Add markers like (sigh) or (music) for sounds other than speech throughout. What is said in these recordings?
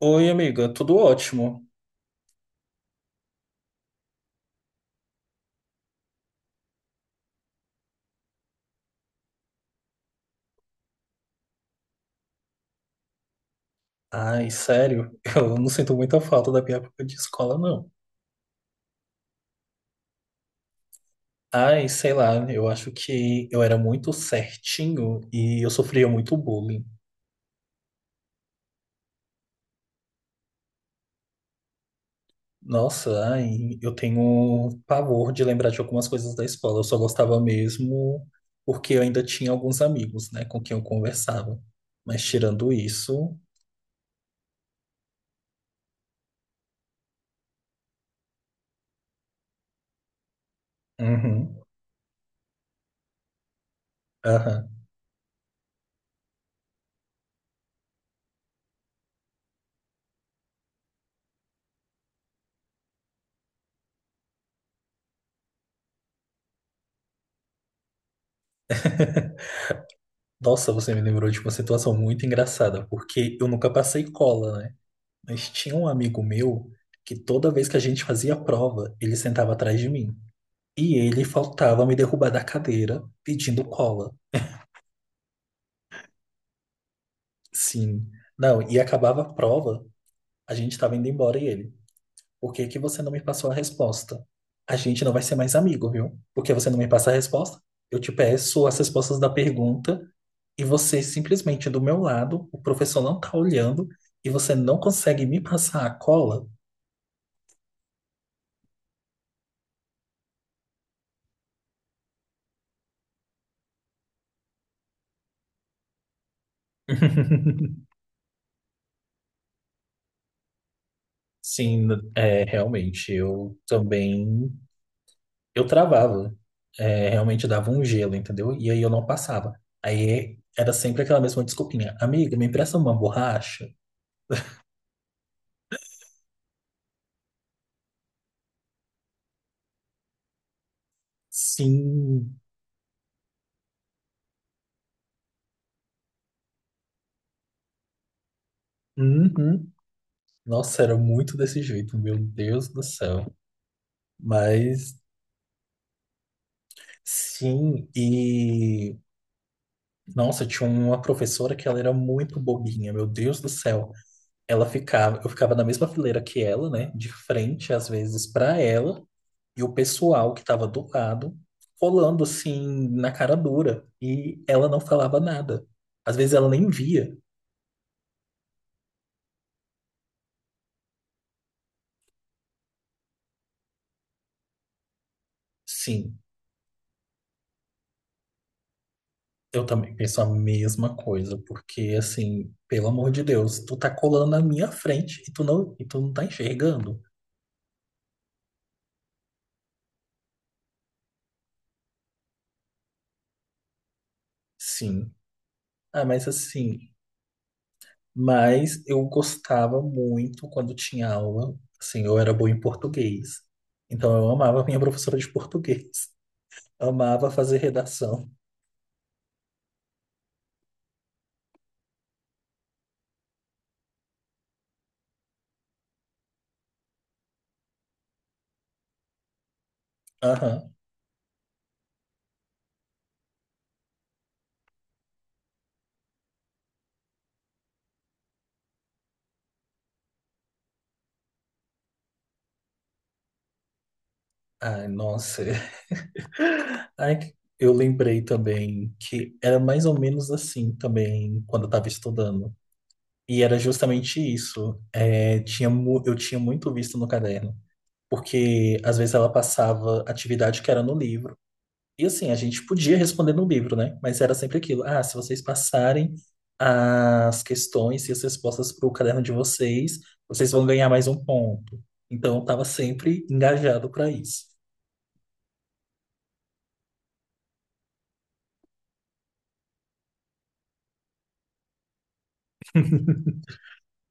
Oi, amiga, tudo ótimo. Ai, sério, (laughs) eu não sinto muita falta da minha época de escola, não. Ai, sei lá, eu acho que eu era muito certinho e eu sofria muito bullying. Nossa, ai, eu tenho pavor de lembrar de algumas coisas da escola. Eu só gostava mesmo porque eu ainda tinha alguns amigos, né, com quem eu conversava. Mas tirando isso, uhum, aham. Nossa, você me lembrou de uma situação muito engraçada, porque eu nunca passei cola, né? Mas tinha um amigo meu que toda vez que a gente fazia prova, ele sentava atrás de mim. E ele faltava me derrubar da cadeira pedindo cola. Sim. Não, e acabava a prova, a gente tava indo embora e ele. Por que que você não me passou a resposta? A gente não vai ser mais amigo, viu? Porque você não me passa a resposta? Eu te peço as respostas da pergunta e você simplesmente do meu lado, o professor não tá olhando e você não consegue me passar a cola? Sim, é, realmente, eu também, eu travava. É, realmente dava um gelo, entendeu? E aí eu não passava. Aí era sempre aquela mesma desculpinha, amiga, me empresta uma borracha? Sim, uhum. Nossa, era muito desse jeito, meu Deus do céu. Mas, sim, e, nossa, tinha uma professora que ela era muito bobinha, meu Deus do céu. Eu ficava na mesma fileira que ela, né? De frente, às vezes, para ela, e o pessoal que estava do lado, colando assim, na cara dura. E ela não falava nada. Às vezes ela nem via. Sim, eu também penso a mesma coisa, porque assim, pelo amor de Deus, tu tá colando na minha frente e tu não tá enxergando. Sim. Ah, mas assim, Mas eu gostava muito quando tinha aula. Assim, eu era bom em português. Então eu amava a minha professora de português. Amava fazer redação. Aham. Ai, nossa. (laughs) Eu lembrei também que era mais ou menos assim também quando eu estava estudando. E era justamente isso. Eu tinha muito visto no caderno. Porque às vezes ela passava atividade que era no livro. E assim, a gente podia responder no livro, né? Mas era sempre aquilo. Ah, se vocês passarem as questões e as respostas para o caderno de vocês, vocês vão ganhar mais um ponto. Então, eu estava sempre engajado para isso.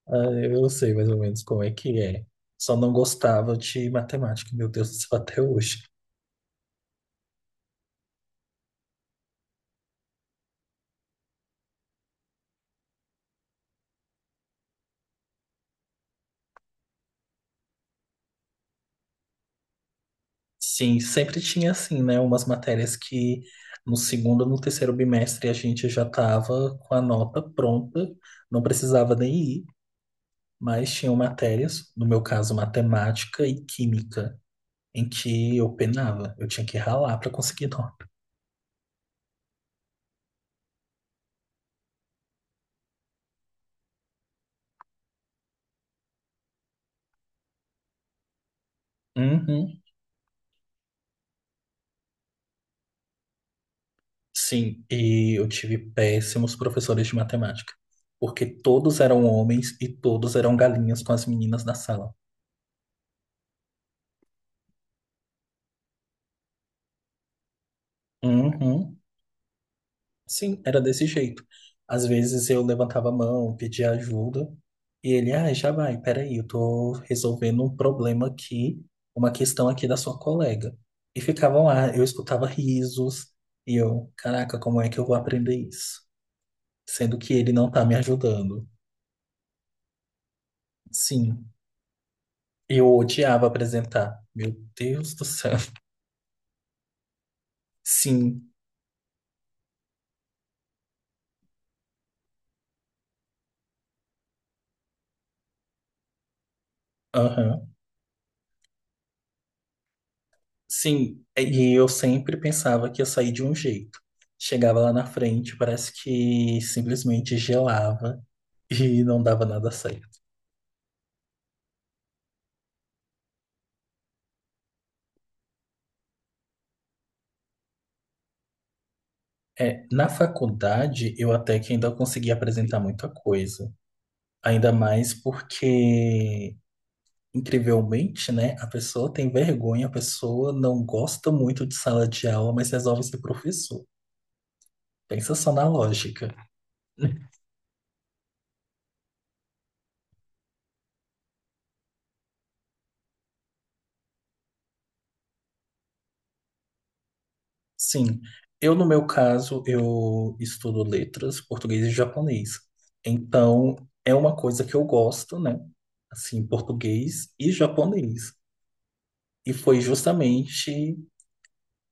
Ah, eu sei mais ou menos como é que é. Só não gostava de matemática, meu Deus do céu, até hoje. Sim, sempre tinha assim, né? Umas matérias que no terceiro bimestre a gente já estava com a nota pronta, não precisava nem ir. Mas tinham matérias, no meu caso, matemática e química, em que eu penava, eu tinha que ralar para conseguir nota. Uhum. Sim, e eu tive péssimos professores de matemática, porque todos eram homens e todos eram galinhas com as meninas da sala. Uhum. Sim, era desse jeito. Às vezes eu levantava a mão, pedia ajuda, e ele, ah, já vai, peraí, eu tô resolvendo um problema aqui, uma questão aqui da sua colega. E ficavam lá, eu escutava risos, e eu, caraca, como é que eu vou aprender isso? Sendo que ele não tá me ajudando. Sim, eu odiava apresentar. Meu Deus do céu. (laughs) Sim, aham. E eu sempre pensava que ia sair de um jeito. Chegava lá na frente, parece que simplesmente gelava (laughs) e não dava nada certo. É, na faculdade, eu até que ainda consegui apresentar muita coisa. Ainda mais porque, incrivelmente, né, a pessoa tem vergonha, a pessoa não gosta muito de sala de aula, mas resolve ser professor. Pensa só na lógica. Sim, eu No meu caso, eu estudo letras, português e japonês. Então, é uma coisa que eu gosto, né? Assim, português e japonês. E foi justamente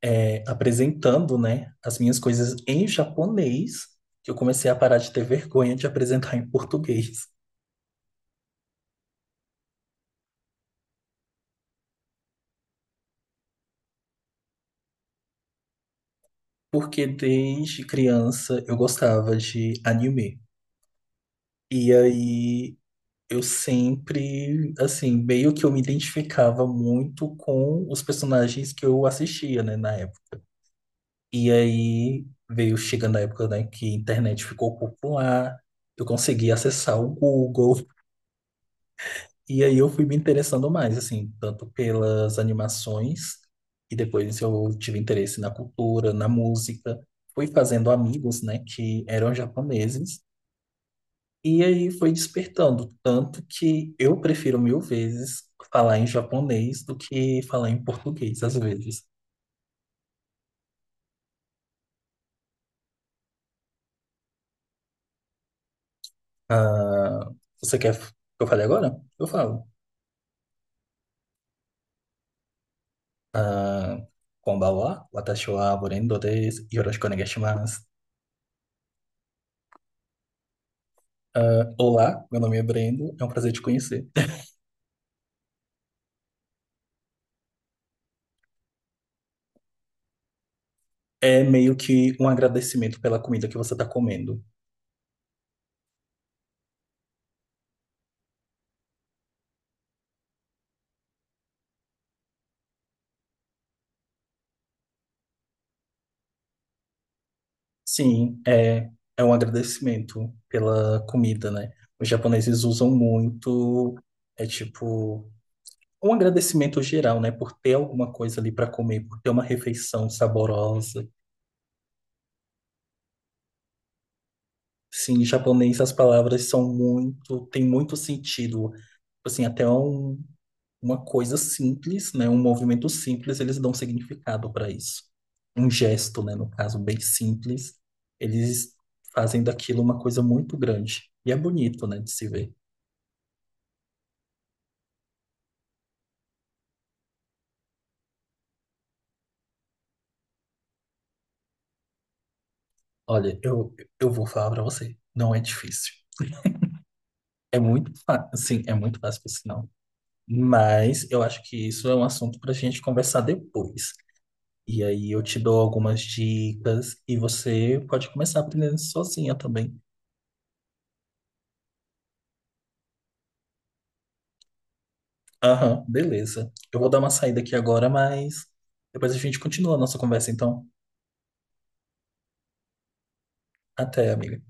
Apresentando, né, as minhas coisas em japonês que eu comecei a parar de ter vergonha de apresentar em português. Porque desde criança eu gostava de anime. E aí eu sempre, assim, meio que eu me identificava muito com os personagens que eu assistia, né, na época. E aí veio chegando a época, né, que a internet ficou popular, eu consegui acessar o Google, e aí eu fui me interessando mais, assim, tanto pelas animações, e depois eu tive interesse na cultura, na música. Fui fazendo amigos, né, que eram japoneses. E aí foi despertando, tanto que eu prefiro 1000 vezes falar em japonês do que falar em português, às vezes. Ah, você quer que eu fale agora? Eu falo. Ah, konbanwa, watashi wa Brendo desu, yoroshiku onegai shimasu. Ah, olá, meu nome é Brendo, é um prazer te conhecer. É meio que um agradecimento pela comida que você está comendo. Sim, é, É um agradecimento pela comida, né? Os japoneses usam muito, é tipo um agradecimento geral, né, por ter alguma coisa ali para comer, por ter uma refeição saborosa. Sim, em japonês as palavras são muito, tem muito sentido. Tipo assim, uma coisa simples, né, um movimento simples, eles dão significado para isso. Um gesto, né, no caso, bem simples, eles fazem daquilo uma coisa muito grande. E é bonito, né, de se ver. Olha, eu, eu vou falar para você, não é difícil. É muito fácil, sim, é muito fácil, por sinal. Mas eu acho que isso é um assunto para a gente conversar depois. E aí eu te dou algumas dicas e você pode começar aprendendo sozinha também. Aham, beleza. Eu vou dar uma saída aqui agora, mas depois a gente continua a nossa conversa, então. Até, amiga.